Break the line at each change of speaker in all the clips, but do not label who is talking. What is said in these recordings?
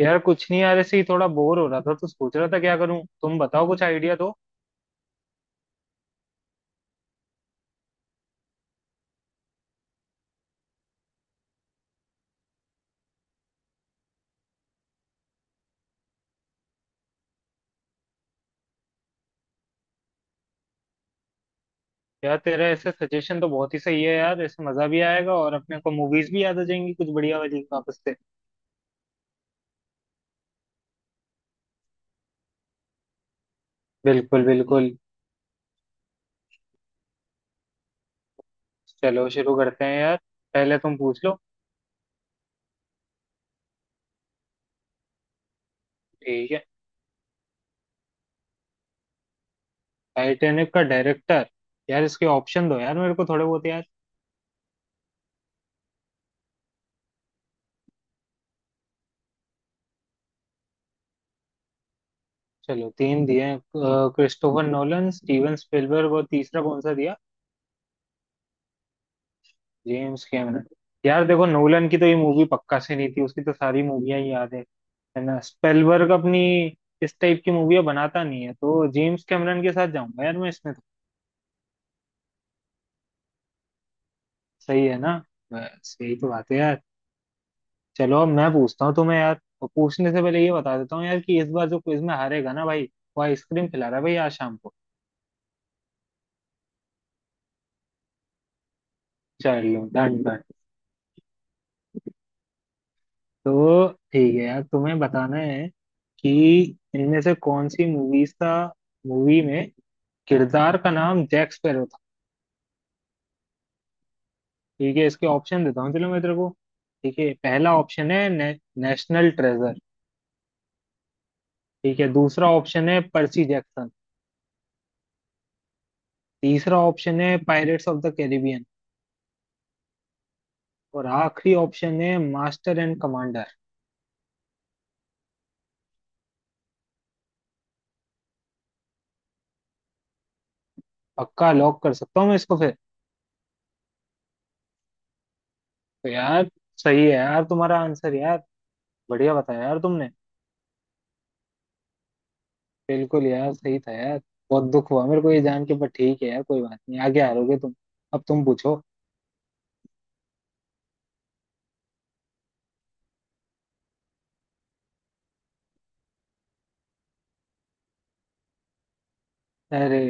यार कुछ नहीं यार, ऐसे ही थोड़ा बोर हो रहा था तो सोच रहा था क्या करूं। तुम बताओ, कुछ आइडिया दो। यार तेरा ऐसे सजेशन तो बहुत ही सही है यार, ऐसे मजा भी आएगा और अपने को मूवीज भी याद आ जाएंगी कुछ बढ़िया वाली वापस से। बिल्कुल बिल्कुल। चलो शुरू करते हैं यार। पहले तुम पूछ लो। ठीक है। टाइटैनिक का डायरेक्टर। यार इसके ऑप्शन दो यार, मेरे को थोड़े बहुत यार। चलो तीन दिए हैं, क्रिस्टोफर नोलन, स्टीवन स्पिलबर्ग और तीसरा कौन सा दिया? James Cameron. यार देखो, नोलन की तो ये मूवी पक्का से नहीं थी, उसकी तो सारी मूवियां ही याद है। है ना, स्पेलबर्ग अपनी इस टाइप की मूवियां बनाता नहीं है, तो जेम्स कैमरन के साथ जाऊंगा यार मैं इसमें तो। सही है ना? बस यही तो बात है यार। चलो अब मैं पूछता हूँ तुम्हें यार, और पूछने से पहले ये बता देता हूँ यार कि इस बार जो क्विज में हारेगा ना भाई, वो आइसक्रीम खिला रहा है भाई आज शाम को। चलो डन डन। तो ठीक है यार, तुम्हें बताना है कि इनमें से कौन सी मूवीज का मूवी में किरदार का नाम जैक स्पैरो था। ठीक है, इसके ऑप्शन देता हूँ चलो मैं तेरे को। ठीक है, पहला ऑप्शन है नेशनल ट्रेजर। ठीक है, दूसरा ऑप्शन है पर्सी जैक्सन। तीसरा ऑप्शन है पायरेट्स ऑफ द कैरिबियन। और आखिरी ऑप्शन है मास्टर एंड कमांडर। पक्का लॉक कर सकता हूँ मैं इसको फिर? तो यार, सही है यार तुम्हारा आंसर यार। बढ़िया बताया यार तुमने। बिल्कुल यार, सही था यार। बहुत दुख हुआ मेरे को ये जान के, पर ठीक है यार, कोई बात नहीं, आगे हारोगे तुम। अब तुम पूछो। अरे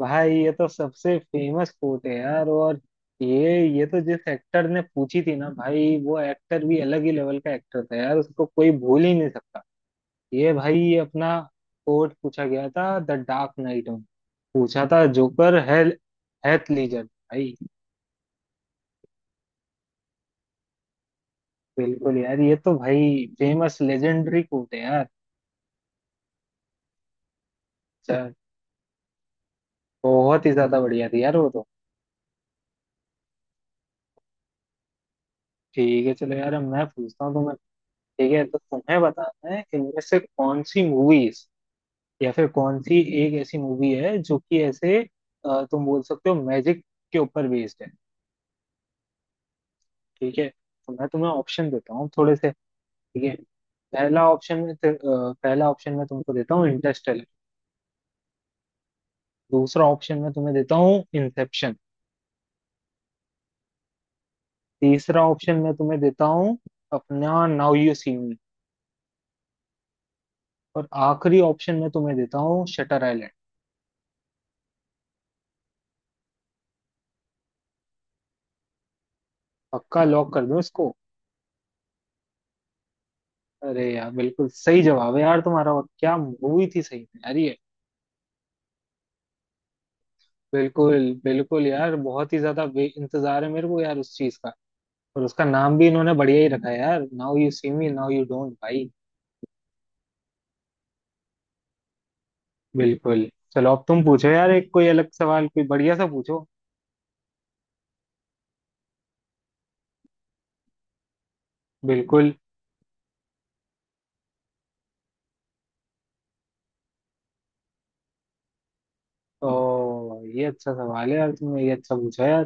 भाई, ये तो सबसे फेमस कोट है यार। और ये तो जिस एक्टर ने पूछी थी ना भाई, वो एक्टर भी अलग ही लेवल का एक्टर था यार, उसको कोई भूल ही नहीं सकता। ये भाई ये अपना कोट पूछा गया था द डार्क नाइट में। पूछा था, जोकर है, हैथ लीजर भाई। बिल्कुल यार, ये तो भाई फेमस लेजेंडरी कोट है यार। चल, बहुत ही ज्यादा बढ़िया थी यार वो तो। ठीक है चलो यार, अब मैं पूछता हूँ तुम्हें। ठीक है, तो तुम्हें बताना है इनमें से कौन सी मूवीज या फिर कौन सी एक ऐसी मूवी है जो कि ऐसे, तुम बोल सकते हो मैजिक के ऊपर बेस्ड है। ठीक है, तो मैं तुम्हें ऑप्शन देता हूँ थोड़े से। ठीक है, पहला ऑप्शन में ते- अ, पहला ऑप्शन मैं तुमको देता हूँ इंटरस्टेलर। दूसरा ऑप्शन मैं तुम्हें देता हूँ इंसेप्शन। तीसरा ऑप्शन मैं तुम्हें देता हूँ अपना, नाउ यू सी मी। और आखिरी ऑप्शन मैं तुम्हें देता हूँ शटर आइलैंड। पक्का लॉक कर दो इसको। अरे यार, बिल्कुल सही जवाब है यार तुम्हारा। और क्या मूवी थी सही में यार ये। बिल्कुल बिल्कुल यार, बहुत ही ज्यादा इंतजार है मेरे को यार उस चीज का। और उसका नाम भी इन्होंने बढ़िया ही रखा है यार, now you see me now you don't भाई। बिल्कुल। चलो अब तुम पूछो यार, एक कोई अलग सवाल कोई बढ़िया सा पूछो। बिल्कुल। ओ, ये अच्छा सवाल है यार, तुमने ये अच्छा पूछा यार।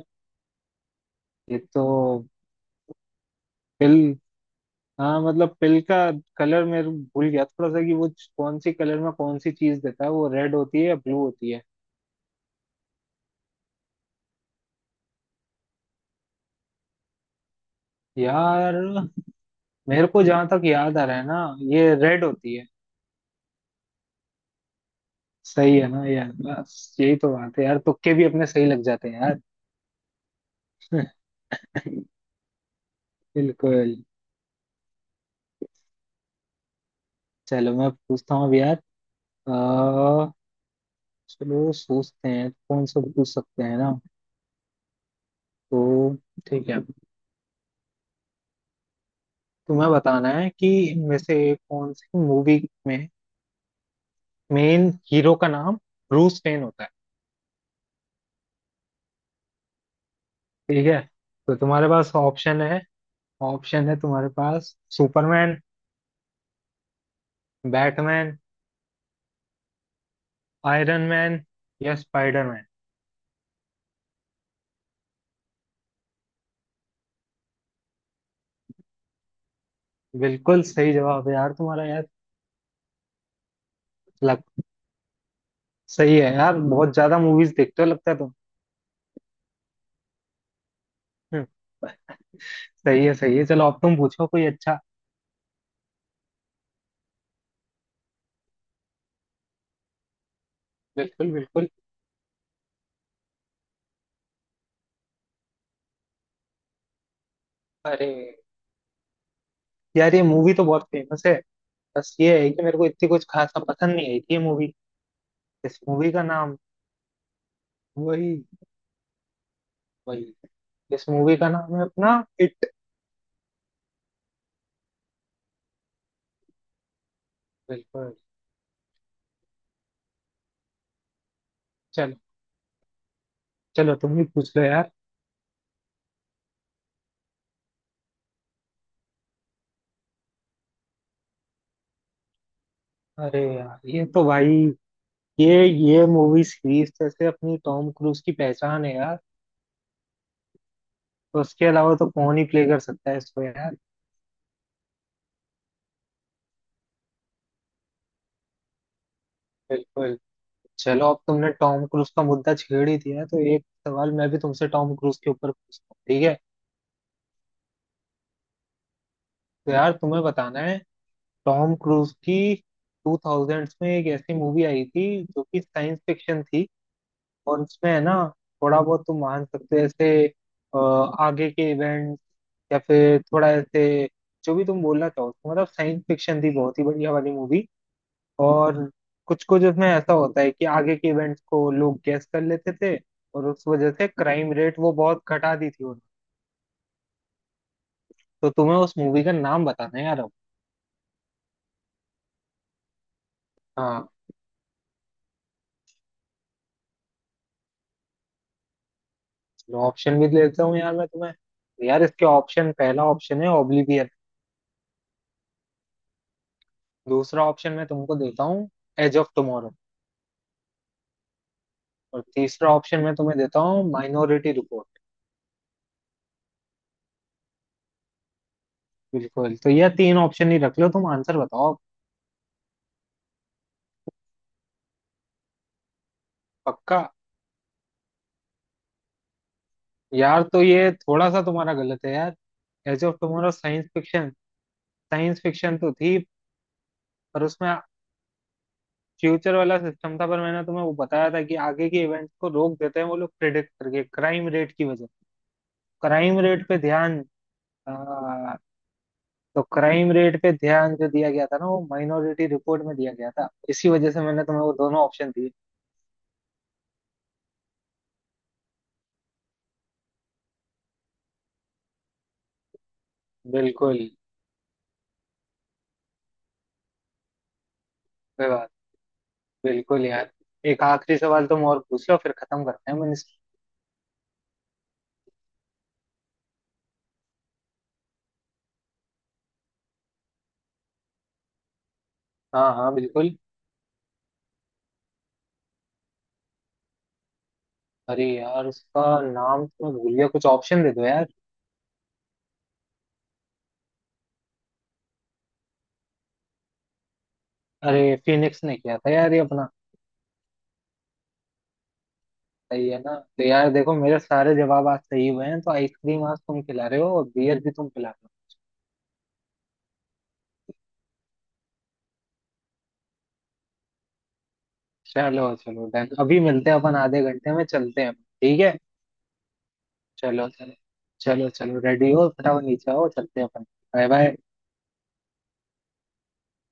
ये तो पिल, हाँ मतलब पिल का कलर मैं भूल गया थोड़ा सा कि वो कौन सी कलर में कौन सी चीज देता है, वो रेड होती है या ब्लू होती है। यार मेरे को जहां तक याद आ रहा है ना, ये रेड होती है। सही है ना यार? बस यही तो बात है यार, तुक्के भी अपने सही लग जाते हैं यार। बिल्कुल। चलो मैं पूछता हूँ अब यार, अ, चलो सोचते हैं कौन सा पूछ सकते हैं ना। तो ठीक है, तुम्हें बताना है कि इनमें से कौन सी मूवी में मेन हीरो का नाम ब्रूस वेन होता है। ठीक है, तो तुम्हारे पास ऑप्शन है तुम्हारे पास, सुपरमैन, बैटमैन, आयरन मैन या स्पाइडरमैन। बिल्कुल सही जवाब है यार तुम्हारा यार। सही है यार, बहुत ज्यादा मूवीज देखते हो लगता है तुम। हम्म, सही है सही है, चलो अब तुम पूछो कोई अच्छा। बिल्कुल बिल्कुल। अरे यार, ये मूवी तो बहुत फेमस है। बस ये है कि मेरे को इतनी कुछ खासा पसंद नहीं आई थी ये मूवी। इस मूवी का नाम वही वही इस मूवी का नाम है अपना, इट। बिल्कुल। चलो चलो, तुम ही पूछ लो यार। अरे यार, ये तो भाई ये मूवी सीरीज जैसे अपनी टॉम क्रूज की पहचान है यार। तो उसके अलावा तो कौन ही प्ले कर सकता है इसको यार? बिल्कुल। चलो अब तुमने टॉम क्रूज का मुद्दा छेड़ ही दिया है, तो एक सवाल मैं भी तुमसे टॉम क्रूज के ऊपर पूछता हूँ, ठीक है? तो यार तुम्हें बताना है, टॉम क्रूज की 2000s में एक ऐसी मूवी आई थी जो कि साइंस फिक्शन थी। और उसमें है ना, थोड़ा बहुत तुम मान सकते हो ऐसे अ, आगे के इवेंट, या फिर थोड़ा ऐसे जो भी तुम बोलना चाहो, मतलब साइंस फिक्शन थी बहुत ही बढ़िया वाली मूवी। और कुछ कुछ उसमें ऐसा होता है कि आगे के इवेंट्स को लोग गेस कर लेते थे। और उस वजह से क्राइम रेट वो बहुत घटा दी थी उन्होंने। तो तुम्हें उस मूवी का नाम बताना है यार अब। हाँ। चलो, ऑप्शन भी दे देता हूँ यार मैं तुम्हें। यार इसके ऑप्शन, पहला ऑप्शन है ओब्लिवियन। दूसरा ऑप्शन मैं तुमको देता हूँ एज ऑफ टुमारो। और तीसरा ऑप्शन मैं तुम्हें देता हूँ माइनॉरिटी रिपोर्ट। बिल्कुल, तो ये तीन ऑप्शन ही रख लो, तुम आंसर बताओ। पक्का? यार तो ये थोड़ा सा तुम्हारा गलत है यार। Edge of tomorrow. Science fiction तो थी, पर उसमें फ्यूचर वाला सिस्टम था। पर मैंने तुम्हें वो बताया था कि आगे के इवेंट्स को रोक देते हैं वो लोग प्रिडिक्ट करके, क्राइम रेट की वजह। क्राइम रेट पे ध्यान अ, तो क्राइम रेट पे ध्यान जो दिया गया था ना, वो माइनॉरिटी रिपोर्ट में दिया गया था, इसी वजह से मैंने तुम्हें वो दोनों ऑप्शन दिए। बिल्कुल विवाद बिल्कुल यार। एक आखिरी सवाल तुम और पूछ लो, फिर खत्म करते हैं मिनिस्टर। हाँ हाँ बिल्कुल। अरे यार, उसका नाम तो मैं भूल गया, कुछ ऑप्शन दे दो यार। अरे, फिनिक्स ने किया था यार ये अपना। सही है ना? तो यार देखो, मेरे सारे जवाब आज सही हुए हैं तो आइसक्रीम आज तुम खिला रहे हो और बियर भी तुम खिला रहे हो। चलो चलो डन, अभी मिलते हैं अपन, आधे घंटे में चलते हैं, ठीक है? चलो चलो। चलो चलो, रेडी हो फटाफट, नीचे आओ चलते हैं अपन। Bye bye.